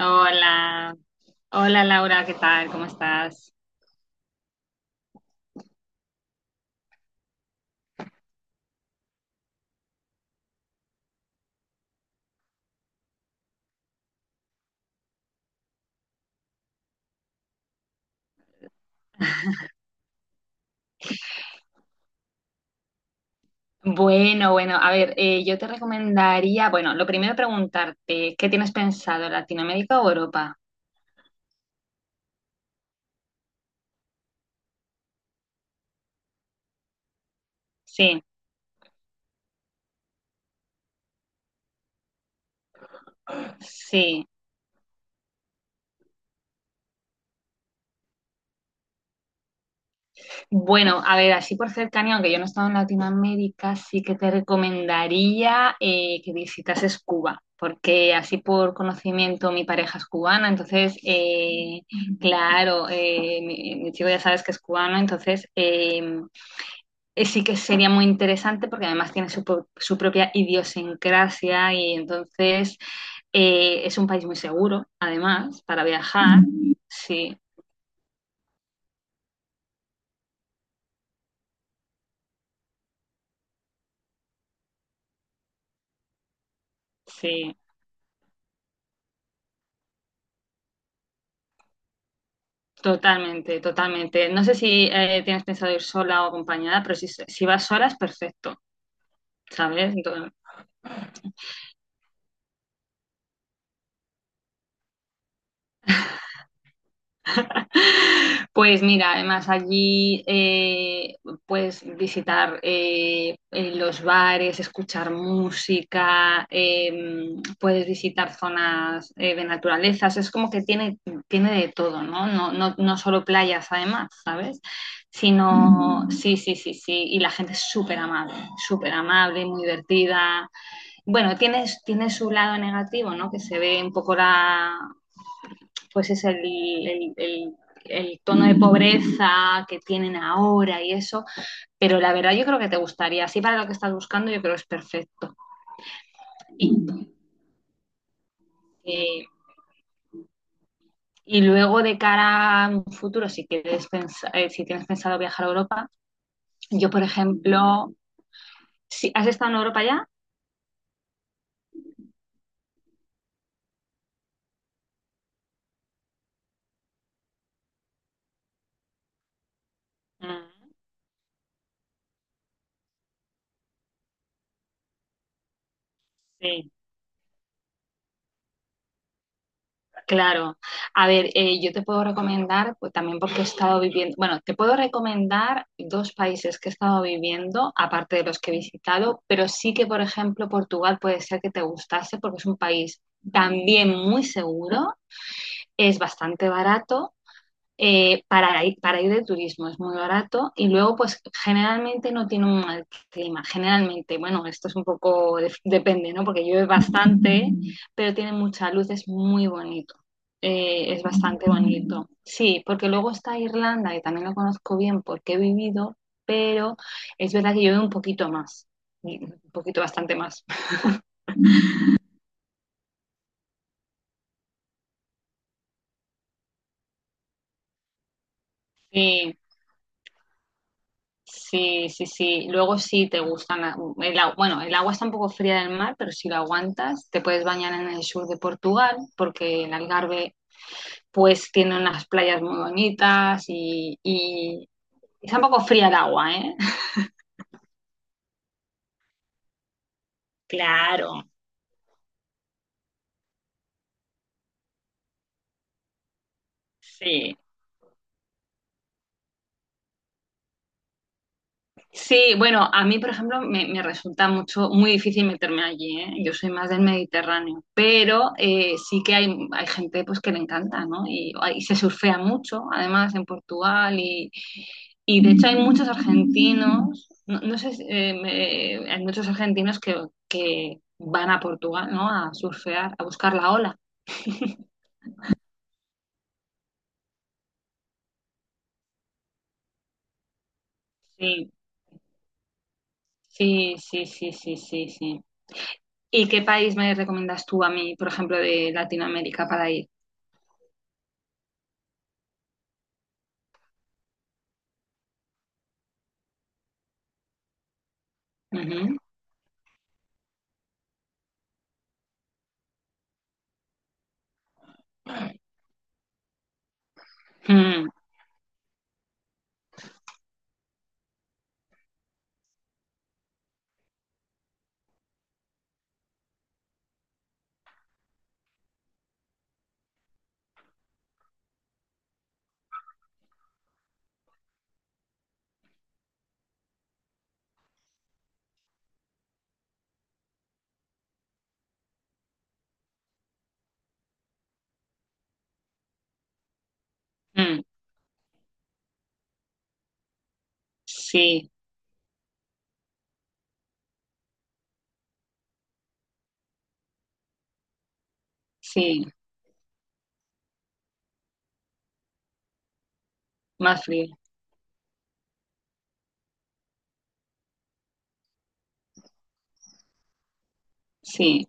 Hola, hola Laura, ¿qué tal? ¿Cómo estás? Bueno, a ver, yo te recomendaría, bueno, lo primero preguntarte, ¿qué tienes pensado, Latinoamérica o Europa? Sí, sí. Bueno, a ver, así por cercanía, aunque yo no he estado en Latinoamérica, sí que te recomendaría que visitases Cuba, porque así por conocimiento mi pareja es cubana, entonces, claro, mi chico ya sabes que es cubano, entonces, sí que sería muy interesante porque además tiene su propia idiosincrasia y entonces es un país muy seguro, además, para viajar. Sí, sí, totalmente, totalmente. No sé si tienes pensado ir sola o acompañada, pero si vas sola es perfecto, ¿sabes? Pues mira, además allí puedes visitar los bares, escuchar música, puedes visitar zonas de naturaleza, o sea, es como que tiene de todo, ¿no? No solo playas además, ¿sabes? Sino, sí, sí, sí, sí, y la gente es súper amable, muy divertida. Bueno, tiene su lado negativo, ¿no? Que se ve un poco pues es tono de pobreza que tienen ahora y eso. Pero la verdad yo creo que te gustaría, así para lo que estás buscando yo creo que es perfecto. Y, eh, y luego de cara a un futuro, si, quieres pensar, si tienes pensado viajar a Europa, yo por ejemplo, si, ¿has estado en Europa ya? Mm, sí. Claro, a ver, yo te puedo recomendar, pues también porque he estado viviendo, bueno, te puedo recomendar dos países que he estado viviendo, aparte de los que he visitado, pero sí que, por ejemplo, Portugal puede ser que te gustase porque es un país también muy seguro, es bastante barato para ir de turismo, es muy barato y luego pues generalmente no tiene un mal clima, generalmente, bueno, esto es un poco, depende, ¿no? Porque llueve bastante, pero tiene mucha luz, es muy bonito, es bastante bonito. Sí, porque luego está Irlanda, que también lo conozco bien porque he vivido, pero es verdad que llueve un poquito más, un poquito bastante más. Sí. Sí, sí, sí. Luego sí te gustan, el agua, bueno, el agua está un poco fría del mar, pero si lo aguantas, te puedes bañar en el sur de Portugal, porque el Algarve pues tiene unas playas muy bonitas y está un poco fría el agua, ¿eh? Claro. Sí. Sí, bueno, a mí, por ejemplo, me resulta mucho, muy difícil meterme allí, ¿eh? Yo soy más del Mediterráneo, pero sí que hay gente pues, que le encanta, ¿no? Y se surfea mucho, además, en Portugal, y de hecho hay muchos argentinos, no, no sé, si, hay muchos argentinos que van a Portugal, ¿no? A surfear, a buscar la ola. Sí, sí, sí, sí, sí, sí, sí. ¿Y qué país me recomiendas tú a mí, por ejemplo, de Latinoamérica para ir? Mm, mm, sí, sí, más frío, sí.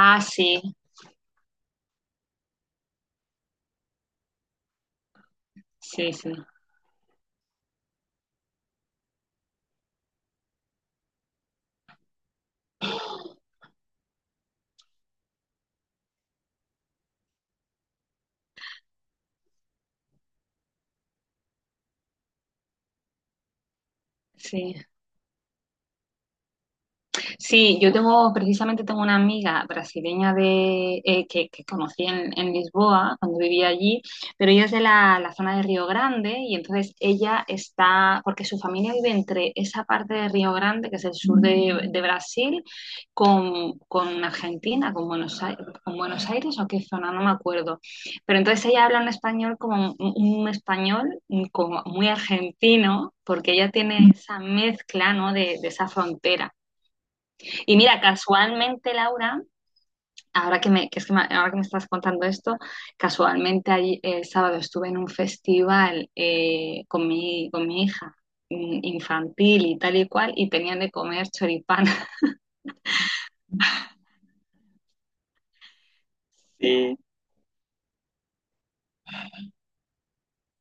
Ah, sí, sí, sí, sí. Sí, yo tengo, precisamente tengo una amiga brasileña de, que conocí en Lisboa cuando vivía allí, pero ella es de la zona de Río Grande y entonces ella está, porque su familia vive entre esa parte de Río Grande, que es el sur de Brasil, con Argentina, con Buenos Aires o qué zona, no me acuerdo. Pero entonces ella habla un español como muy argentino, porque ella tiene esa mezcla, ¿no? De esa frontera. Y mira, casualmente, Laura, ahora que me, que es que me- ahora que me estás contando esto, el sábado estuve en un festival con con mi hija infantil y tal y cual, y tenían de comer choripán. Sí.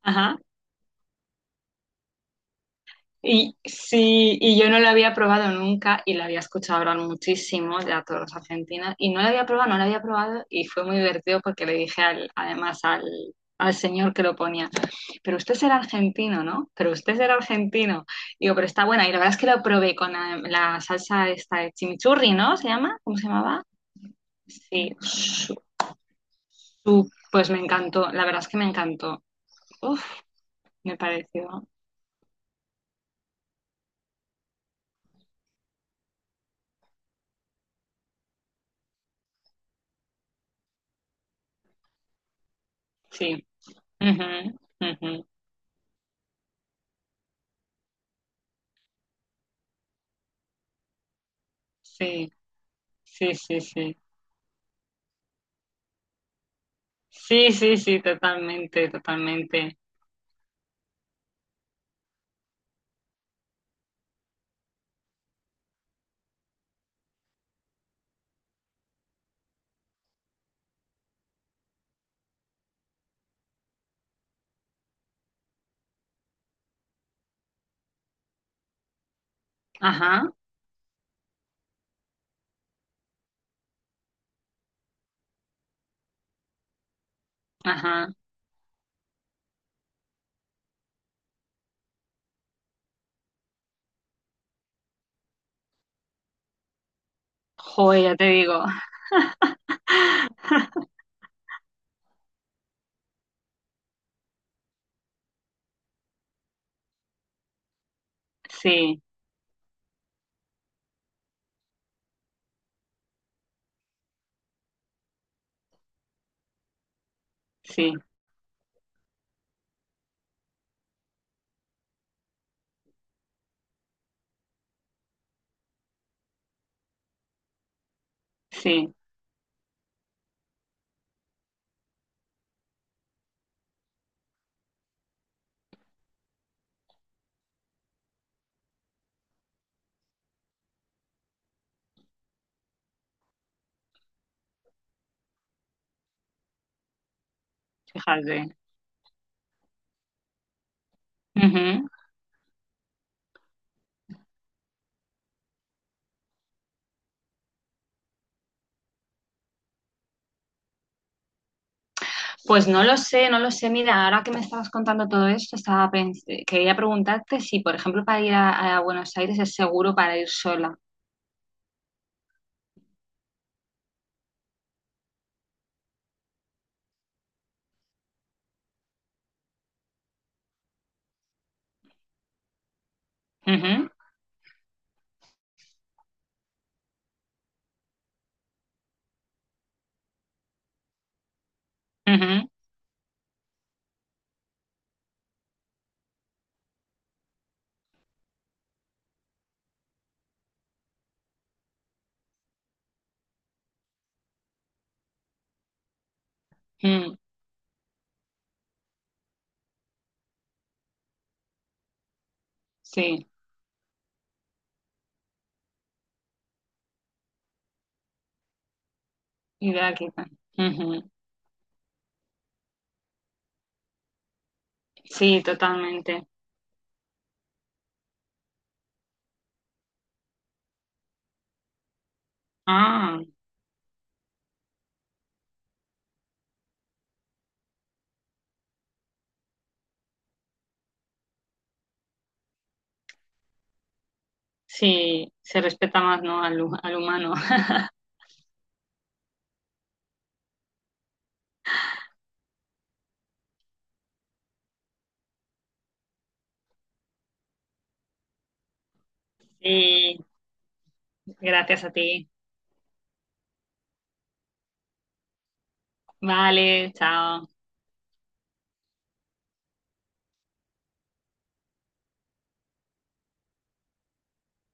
Ajá. Y sí, y yo no la había probado nunca y la había escuchado hablar muchísimo de a todos los argentinos y no la había probado, no la había probado y fue muy divertido porque le dije, además, al señor que lo ponía, pero usted será argentino, ¿no? Pero usted será argentino. Digo, pero está buena y la verdad es que lo probé con la salsa esta de chimichurri, ¿no? ¿Se llama? ¿Cómo se llamaba? Sí, pues me encantó, la verdad es que me encantó. Uf, me pareció, sí. Ujú, ujú. Sí, sí, sí, sí. Sí, sí, sí, totalmente, totalmente. Ajá, ajá. Joder, ya te digo. Sí, sí, sí, fíjate. Ujú. Pues no lo sé, no lo sé. Mira, ahora que me estabas contando todo esto, quería preguntarte si, por ejemplo, para ir a Buenos Aires es seguro para ir sola. Ujú, ujú, mm, sí, idea quita. Ujú. Sí, totalmente. Ah, sí, se respeta más, ¿no? Al humano. Sí, gracias a ti. Vale, chao.